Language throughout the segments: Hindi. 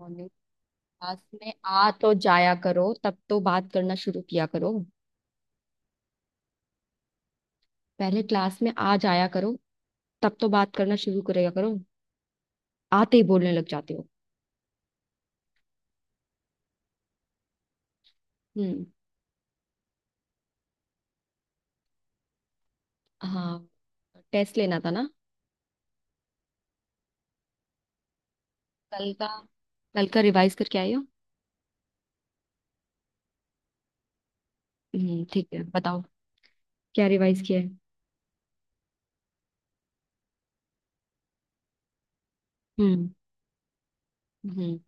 मॉर्निंग। क्लास में आ तो जाया करो तब तो बात करना शुरू किया करो। पहले क्लास में आ जाया करो तब तो बात करना शुरू करेगा करो। आते ही बोलने लग जाते हो। हम्म। हाँ। टेस्ट लेना था ना? कल का कल का रिवाइज करके आई हो? हम्म, ठीक है बताओ। क्या रिवाइज किया है? हम्म। हम्म।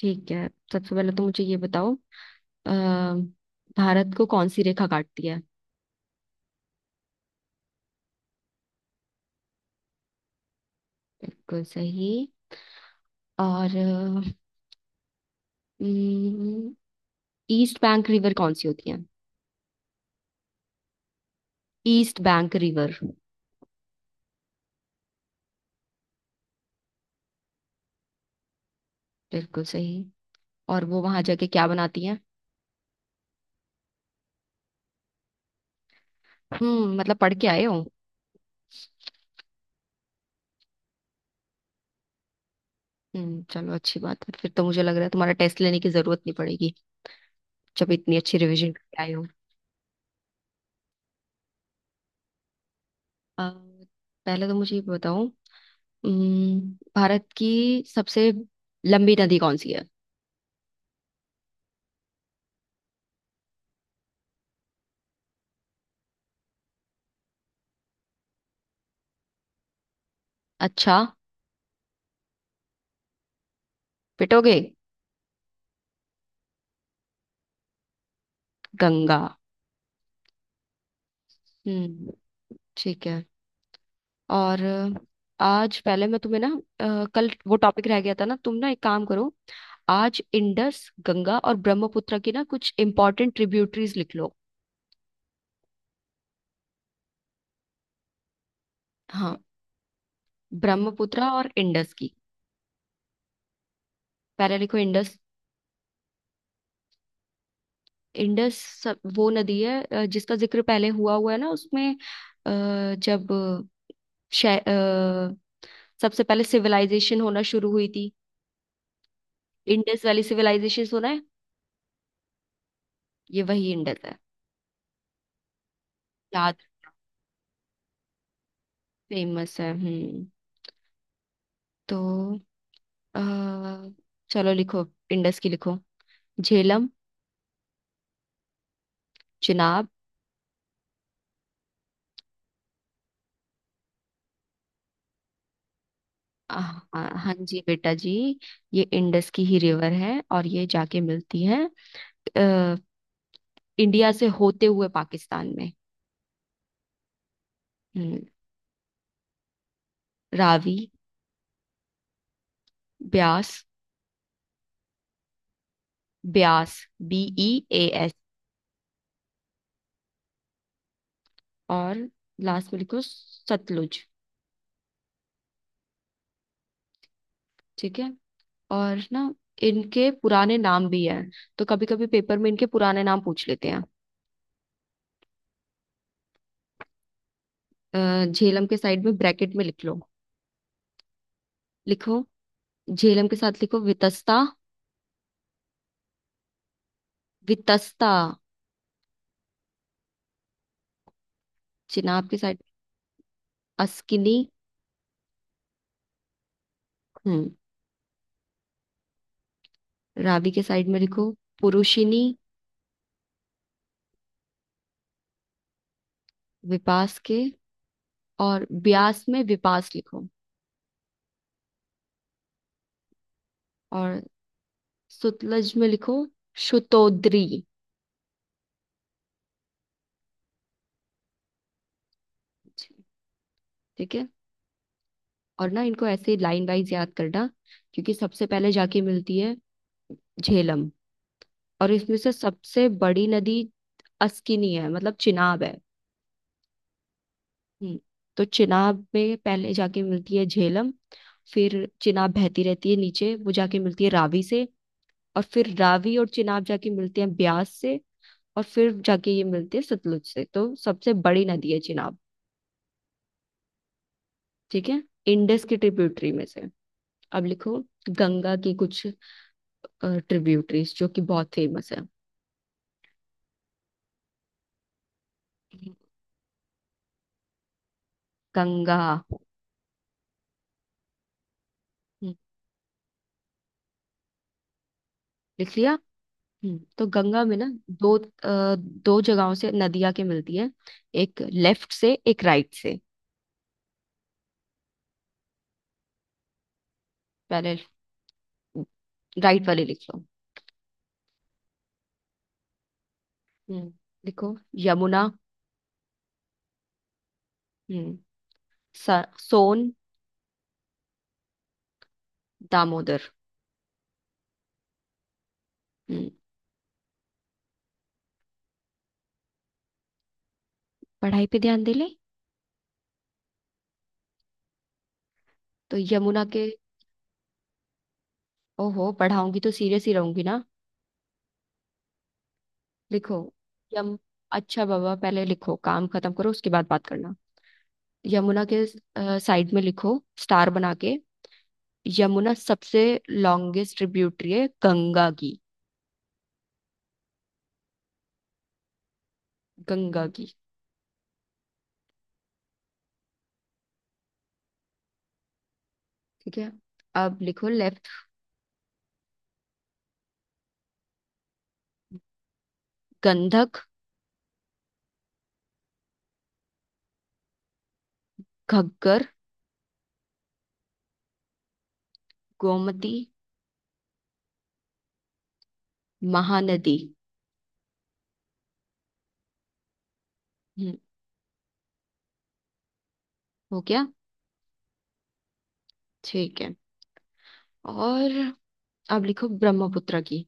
ठीक है, सबसे पहले तो मुझे ये बताओ, अ, भारत को कौन सी रेखा काटती है? बिल्कुल सही। और हम्म, ईस्ट बैंक रिवर कौन सी होती है? East bank river. बिल्कुल सही। और वो वहां जाके क्या बनाती है? मतलब पढ़ के आए हो। चलो अच्छी बात है, फिर तो मुझे लग रहा है तुम्हारा टेस्ट लेने की जरूरत नहीं पड़ेगी, जब इतनी अच्छी रिवीजन करके आए हो। अ, पहले तो मुझे ये बताओ। अम्म, भारत की सबसे लंबी नदी कौन सी है? अच्छा, पिटोगे। गंगा। हम्म। ठीक है। और आज पहले मैं तुम्हें ना कल वो टॉपिक रह गया था ना, तुम ना एक काम करो। आज इंडस गंगा और ब्रह्मपुत्र की ना कुछ इंपॉर्टेंट ट्रिब्यूटरीज लिख लो। हाँ। ब्रह्मपुत्र और इंडस की। पहले लिखो इंडस। इंडस वो नदी है जिसका जिक्र पहले हुआ हुआ है ना उसमें, जब शै- अ, सबसे पहले सिविलाइजेशन होना शुरू हुई थी। इंडस वैली सिविलाइजेशन सुना है? ये वही इंडस है। याद फेमस है। हम्म। तो अ, चलो लिखो। इंडस की लिखो। झेलम। चिनाब। हाँ हाँ जी बेटा जी, ये इंडस की ही रिवर है और ये जाके मिलती है अ, इंडिया से होते हुए पाकिस्तान में। हम्म। Ravi. Beas. Beas. B. E. A S. और लास्ट में लिखो सतलुज। ठीक है। और ना इनके पुराने नाम भी हैं, तो कभी कभी पेपर में इनके पुराने नाम पूछ लेते हैं। झेलम के साइड में ब्रैकेट में लिख लो। लिखो। झेलम के साथ लिखो वितस्ता। वितस्ता। चिनाब के साइड। अस्किनी। हम्म। रावी के साइड में लिखो पुरुषिनी। विपास के और ब्यास में विपास लिखो। और सुतलज में लिखो शुतोद्री। ठीक है। और ना इनको ऐसे लाइन वाइज याद करना, क्योंकि सबसे पहले जाके मिलती है झेलम। और इसमें से सबसे बड़ी नदी अस्किनी है, मतलब चिनाब है। हम्म, तो चिनाब में पहले जाके मिलती है झेलम। फिर चिनाब बहती रहती है नीचे, वो जाके मिलती है रावी से। और फिर रावी और चिनाब जाके मिलते हैं ब्यास से। और फिर जाके ये मिलते हैं सतलुज से, तो सबसे बड़ी नदी है चिनाब। ठीक है। इंडस की ट्रिब्यूटरी में से अब लिखो गंगा की कुछ ट्रिब्यूटरीज, जो कि बहुत फेमस है। गंगा। हम्म, लिख लिया। तो गंगा में ना दो अ, दो जगहों से नदियां के मिलती है, एक लेफ्ट से एक राइट से। पहले राइट वाले लिख लो। हम्म। देखो। यमुना। हम्म। स- सोन। दामोदर। हम्म पढ़ाई पे ध्यान दे ले। तो यमुना के ओहो, पढ़ाऊंगी तो सीरियस ही रहूंगी ना। लिखो। यम अच्छा बाबा, पहले लिखो, काम खत्म करो उसके बाद बात करना। यमुना के साइड में लिखो स्टार बना के, यमुना सबसे लॉन्गेस्ट ट्रिब्यूटरी है गंगा की। गंगा की। ठीक है। अब लिखो लेफ्ट। गंधक। घग्गर। गोमती। महानदी। हो गया। ठीक है। और अब लिखो ब्रह्मपुत्र की।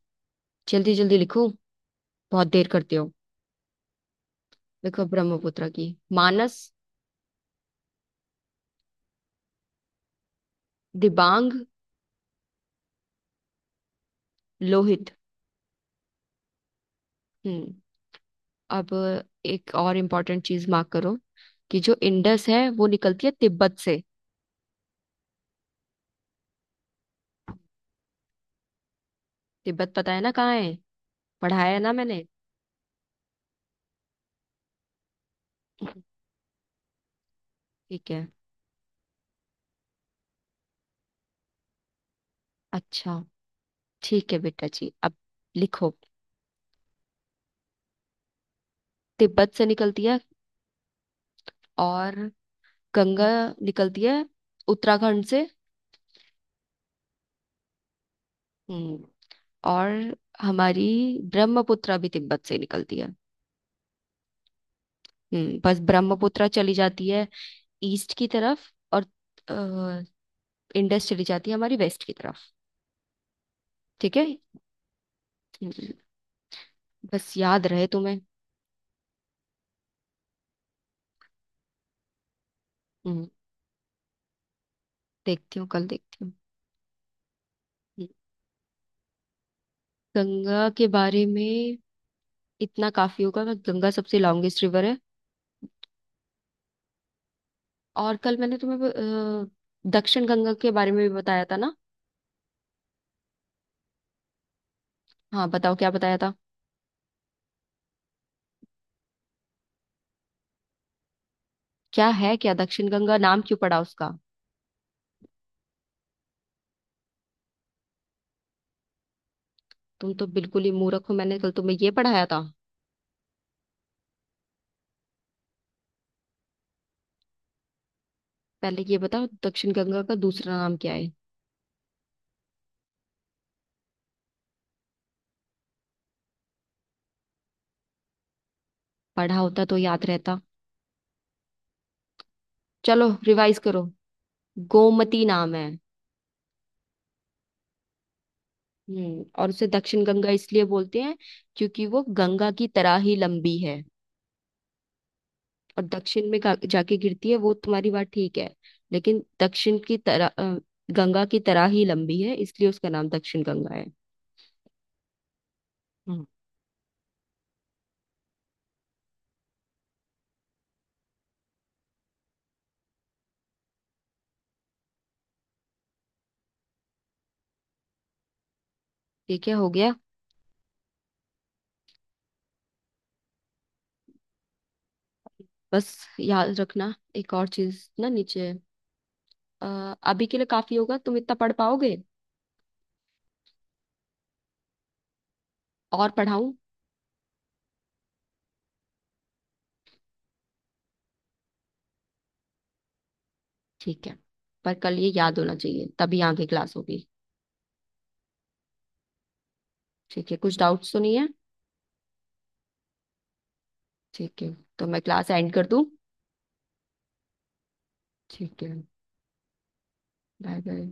जल्दी जल्दी लिखो, बहुत देर करते हो। लिखो ब्रह्मपुत्र की। मानस। दिबांग। लोहित। हम्म। अब एक और इम्पोर्टेंट चीज मार्क करो कि जो इंडस है वो निकलती है तिब्बत से। तिब्बत पता है ना कहाँ है? पढ़ाया है ना मैंने? ठीक है। अच्छा, ठीक है बेटा जी। अब लिखो। तिब्बत से निकलती है। और गंगा निकलती है उत्तराखंड से। हम्म। और हमारी ब्रह्मपुत्रा भी तिब्बत से निकलती है। बस ब्रह्मपुत्रा चली जाती है ईस्ट की तरफ, और अ, इंडस चली जाती है हमारी वेस्ट की तरफ। ठीक है। हम्म, बस याद रहे तुम्हें। हम्म देखती हूँ, कल देखती हूँ। हम्म, गंगा के बारे में इतना काफी होगा कि गंगा सबसे लॉन्गेस्ट रिवर है। और कल मैंने तुम्हें दक्षिण गंगा के बारे में भी बताया था ना। हाँ बताओ, क्या बताया था? क्या है, क्या दक्षिण गंगा नाम क्यों पड़ा उसका? तुम तो बिल्कुल ही मूर्ख हो, मैंने कल तुम्हें ये पढ़ाया था। पहले ये बताओ, दक्षिण गंगा का दूसरा नाम क्या है? पढ़ा होता तो याद रहता। चलो रिवाइज करो। गोमती नाम है। और उसे दक्षिण गंगा इसलिए बोलते हैं क्योंकि वो गंगा की तरह ही लंबी है। और दक्षिण में जाके गिरती है, वो तुम्हारी बात ठीक है। लेकिन दक्षिण की तरह गंगा की तरह ही लंबी है, इसलिए उसका नाम दक्षिण गंगा है। हम्म, ठीक है, हो गया। बस याद रखना एक और चीज ना नीचे, अभी के लिए काफी होगा, तुम इतना पढ़ पाओगे? और पढ़ाऊं? ठीक है। पर कल ये याद होना चाहिए, तभी आगे क्लास होगी। ठीक है, कुछ डाउट्स तो नहीं है? ठीक है। तो मैं क्लास एंड कर दूं? ठीक है। Bye bye.